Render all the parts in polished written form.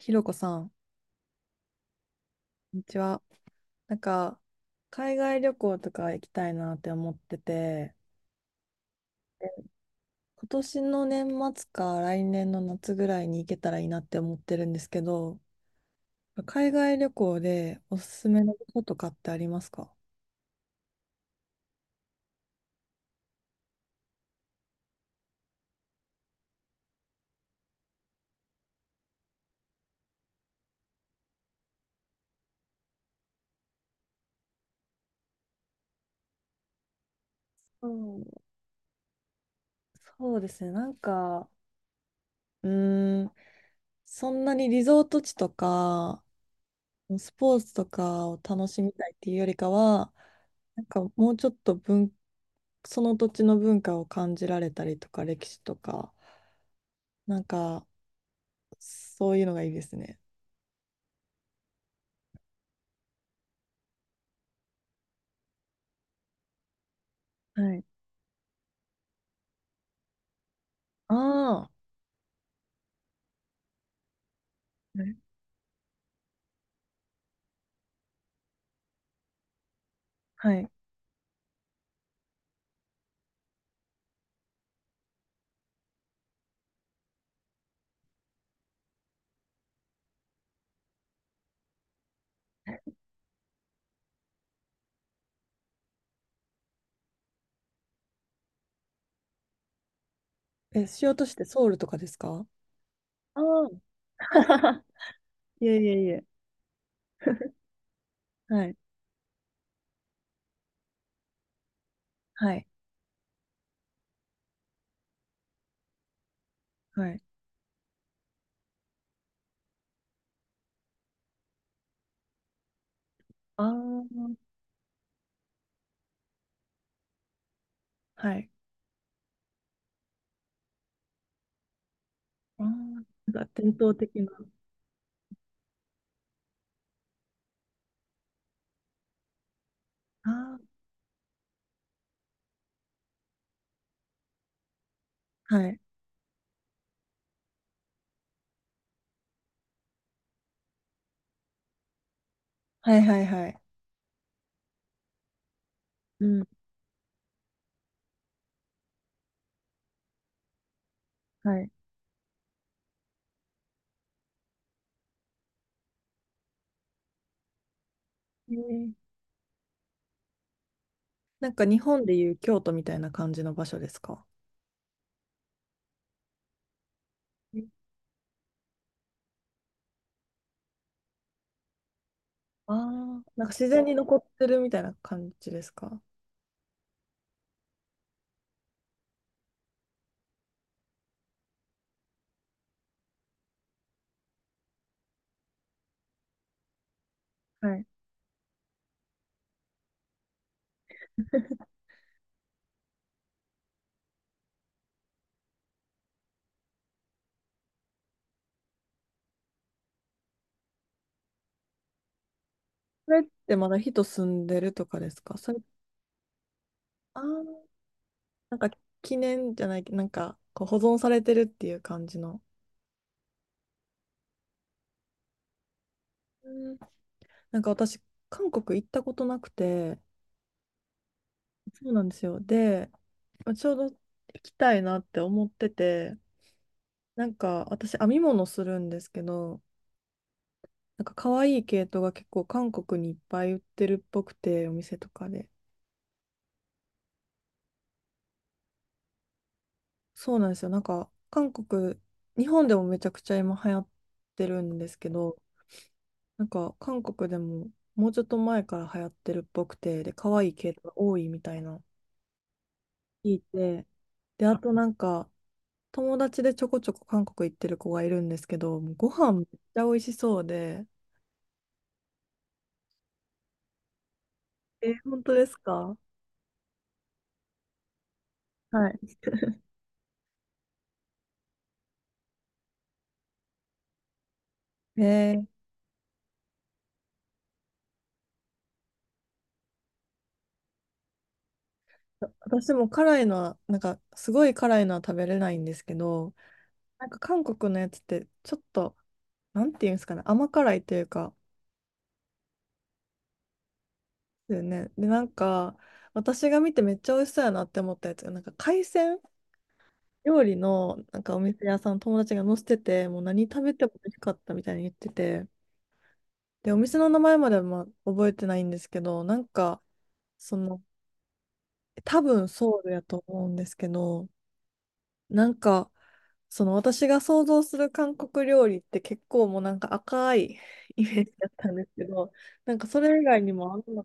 ひろこさん、こんにちは。なんか、海外旅行とか行きたいなって思ってて、今年の年末か来年の夏ぐらいに行けたらいいなって思ってるんですけど、海外旅行でおすすめのこととかってありますか？そうんそうですね、なんか、うーん、そんなにリゾート地とか、スポーツとかを楽しみたいっていうよりかは、なんかもうちょっとその土地の文化を感じられたりとか歴史とかなんかそういうのがいいですね。はい。ああ。ね。はい。え、しようとしてソウルとかですか？ああ。いえいえいえ。はい。はい。はい。ああ。はい。ああ。なんか伝統的な。ああ。はい。はいはいはい。うん。はい。ええ。なんか日本でいう京都みたいな感じの場所ですか？ああー。なんか自然に残ってるみたいな感じですか？はい。それってまだ人住んでるとかですか、それ、ああ、なんか記念じゃないけど、なんかこう保存されてるっていう感じの。うん。なんか私、韓国行ったことなくて、そうなんですよ。で、ちょうど行きたいなって思ってて、なんか私、編み物するんですけど、なんか可愛い系統が結構韓国にいっぱい売ってるっぽくて、お店とかで。そうなんですよ。なんか韓国、日本でもめちゃくちゃ今流行ってるんですけど、なんか韓国でももうちょっと前から流行ってるっぽくて、で、可愛い系統が多いみたいな聞いて、で、あとなんか友達でちょこちょこ韓国行ってる子がいるんですけど、もうご飯めっちゃ美味しそうで、えー、本当ですか？はい。へ。私も辛いのは、なんかすごい辛いのは食べれないんですけど、なんか韓国のやつってちょっと、なんていうんですかね、甘辛いというか、ですよね。で、なんか私が見てめっちゃ美味しそうやなって思ったやつが、なんか海鮮料理のなんかお店屋さん友達が載せてて、もう何食べても美味しかったみたいに言ってて、で、お店の名前まではまあ覚えてないんですけど、なんか、その、多分ソウルやと思うんですけど、なんか、その私が想像する韓国料理って結構もうなんか赤いイメージだったんですけど、なんかそれ以外にもあんな、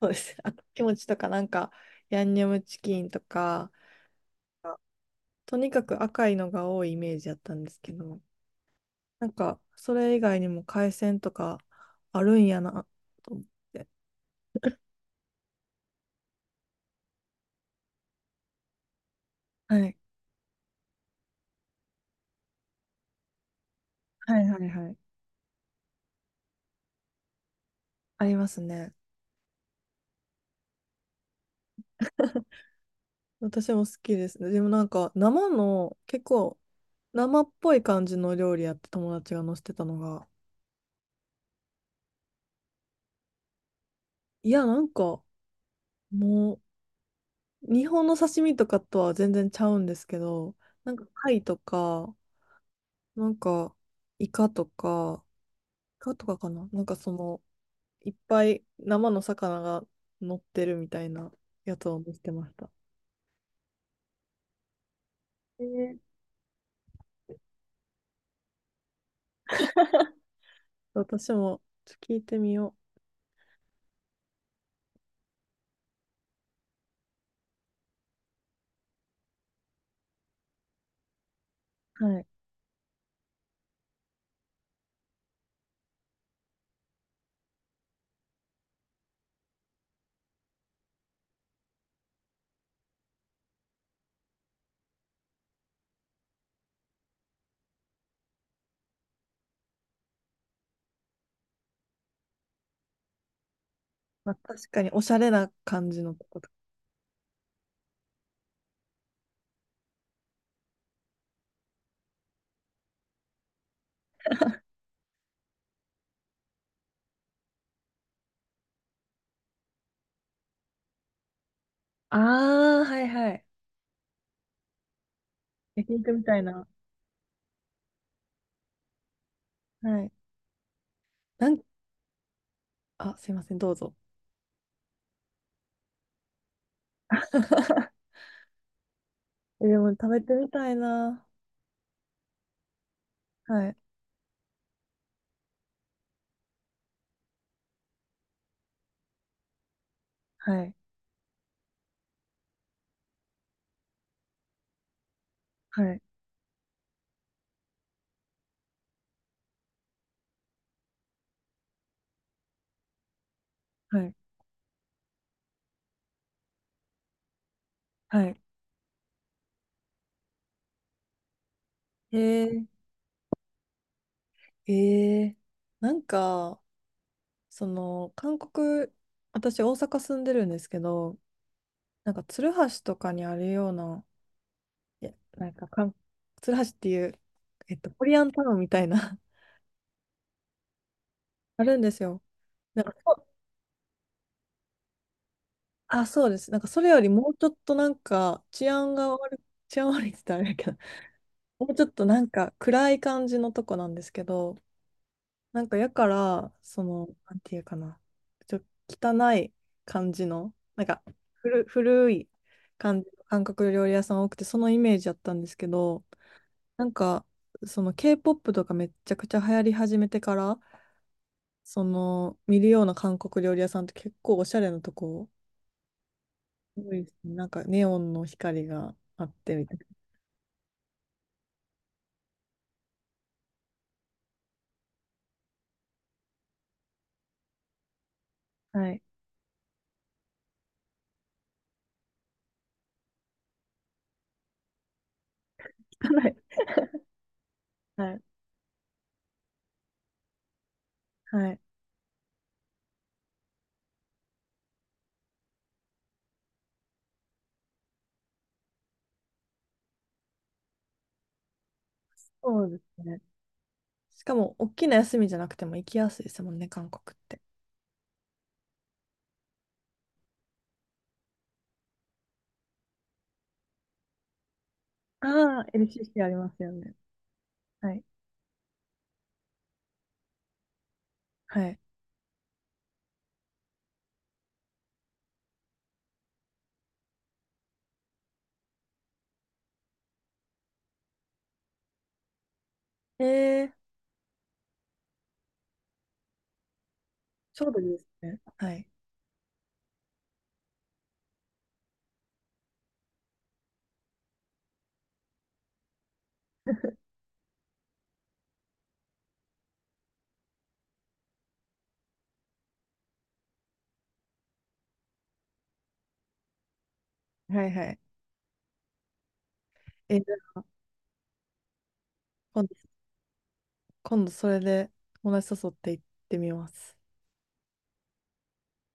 そうです。あ、キムチとかなんか、ヤンニョムチキンとか、とにかく赤いのが多いイメージだったんですけど、なんか、それ以外にも海鮮とかあるんやなと思って。はい。はいはいはい。ありますね。私も好きですね。でもなんか、生の、結構、生っぽい感じの料理やって友達が載せてたのが、いや、なんか、もう、日本の刺身とかとは全然ちゃうんですけど、なんか、貝とか、なんか、イカとか、イカとかかななんかその、いっぱい生の魚が乗ってるみたいなやつを見せてました。えー、私もちょっと聞いてみよう。はい。まあ、確かにおしゃれな感じのとことか。ああ、はいはい。焼肉みたいな。はい。なんあ、すいません、どうぞ。え、でも食べてみたいな。はい。はい、はい、はい、はい。えー、えー、なんか、その、韓国、私、大阪住んでるんですけど、なんか、鶴橋とかにあるような、いや、なんか、鶴橋っていう、えっと、コリアンタウンみたいな。 あるんですよ。なんか、あ、そうです。なんか、それよりもうちょっとなんか、治安が悪い、治安悪いって言ったらあれだけど、もうちょっとなんか、暗い感じのとこなんですけど、なんか、やから、その、なんていうかな、ちょ、汚い感じの、なんか、古い感じの韓国料理屋さん多くて、そのイメージだったんですけど、なんか、その K-POP とかめっちゃくちゃ流行り始めてから、その見るような韓国料理屋さんって結構おしゃれなとこ多いですね。なんかネオンの光があってみたいな。はい。汚い。はい。はい。そうですね。しかも、大きな休みじゃなくても行きやすいですもんね、韓国って。ああ、LCC ありますよね。はい。はい。えー、ちょうどいいですね。はい。はいはい。えー、今度、今度それで友達誘って行ってみます。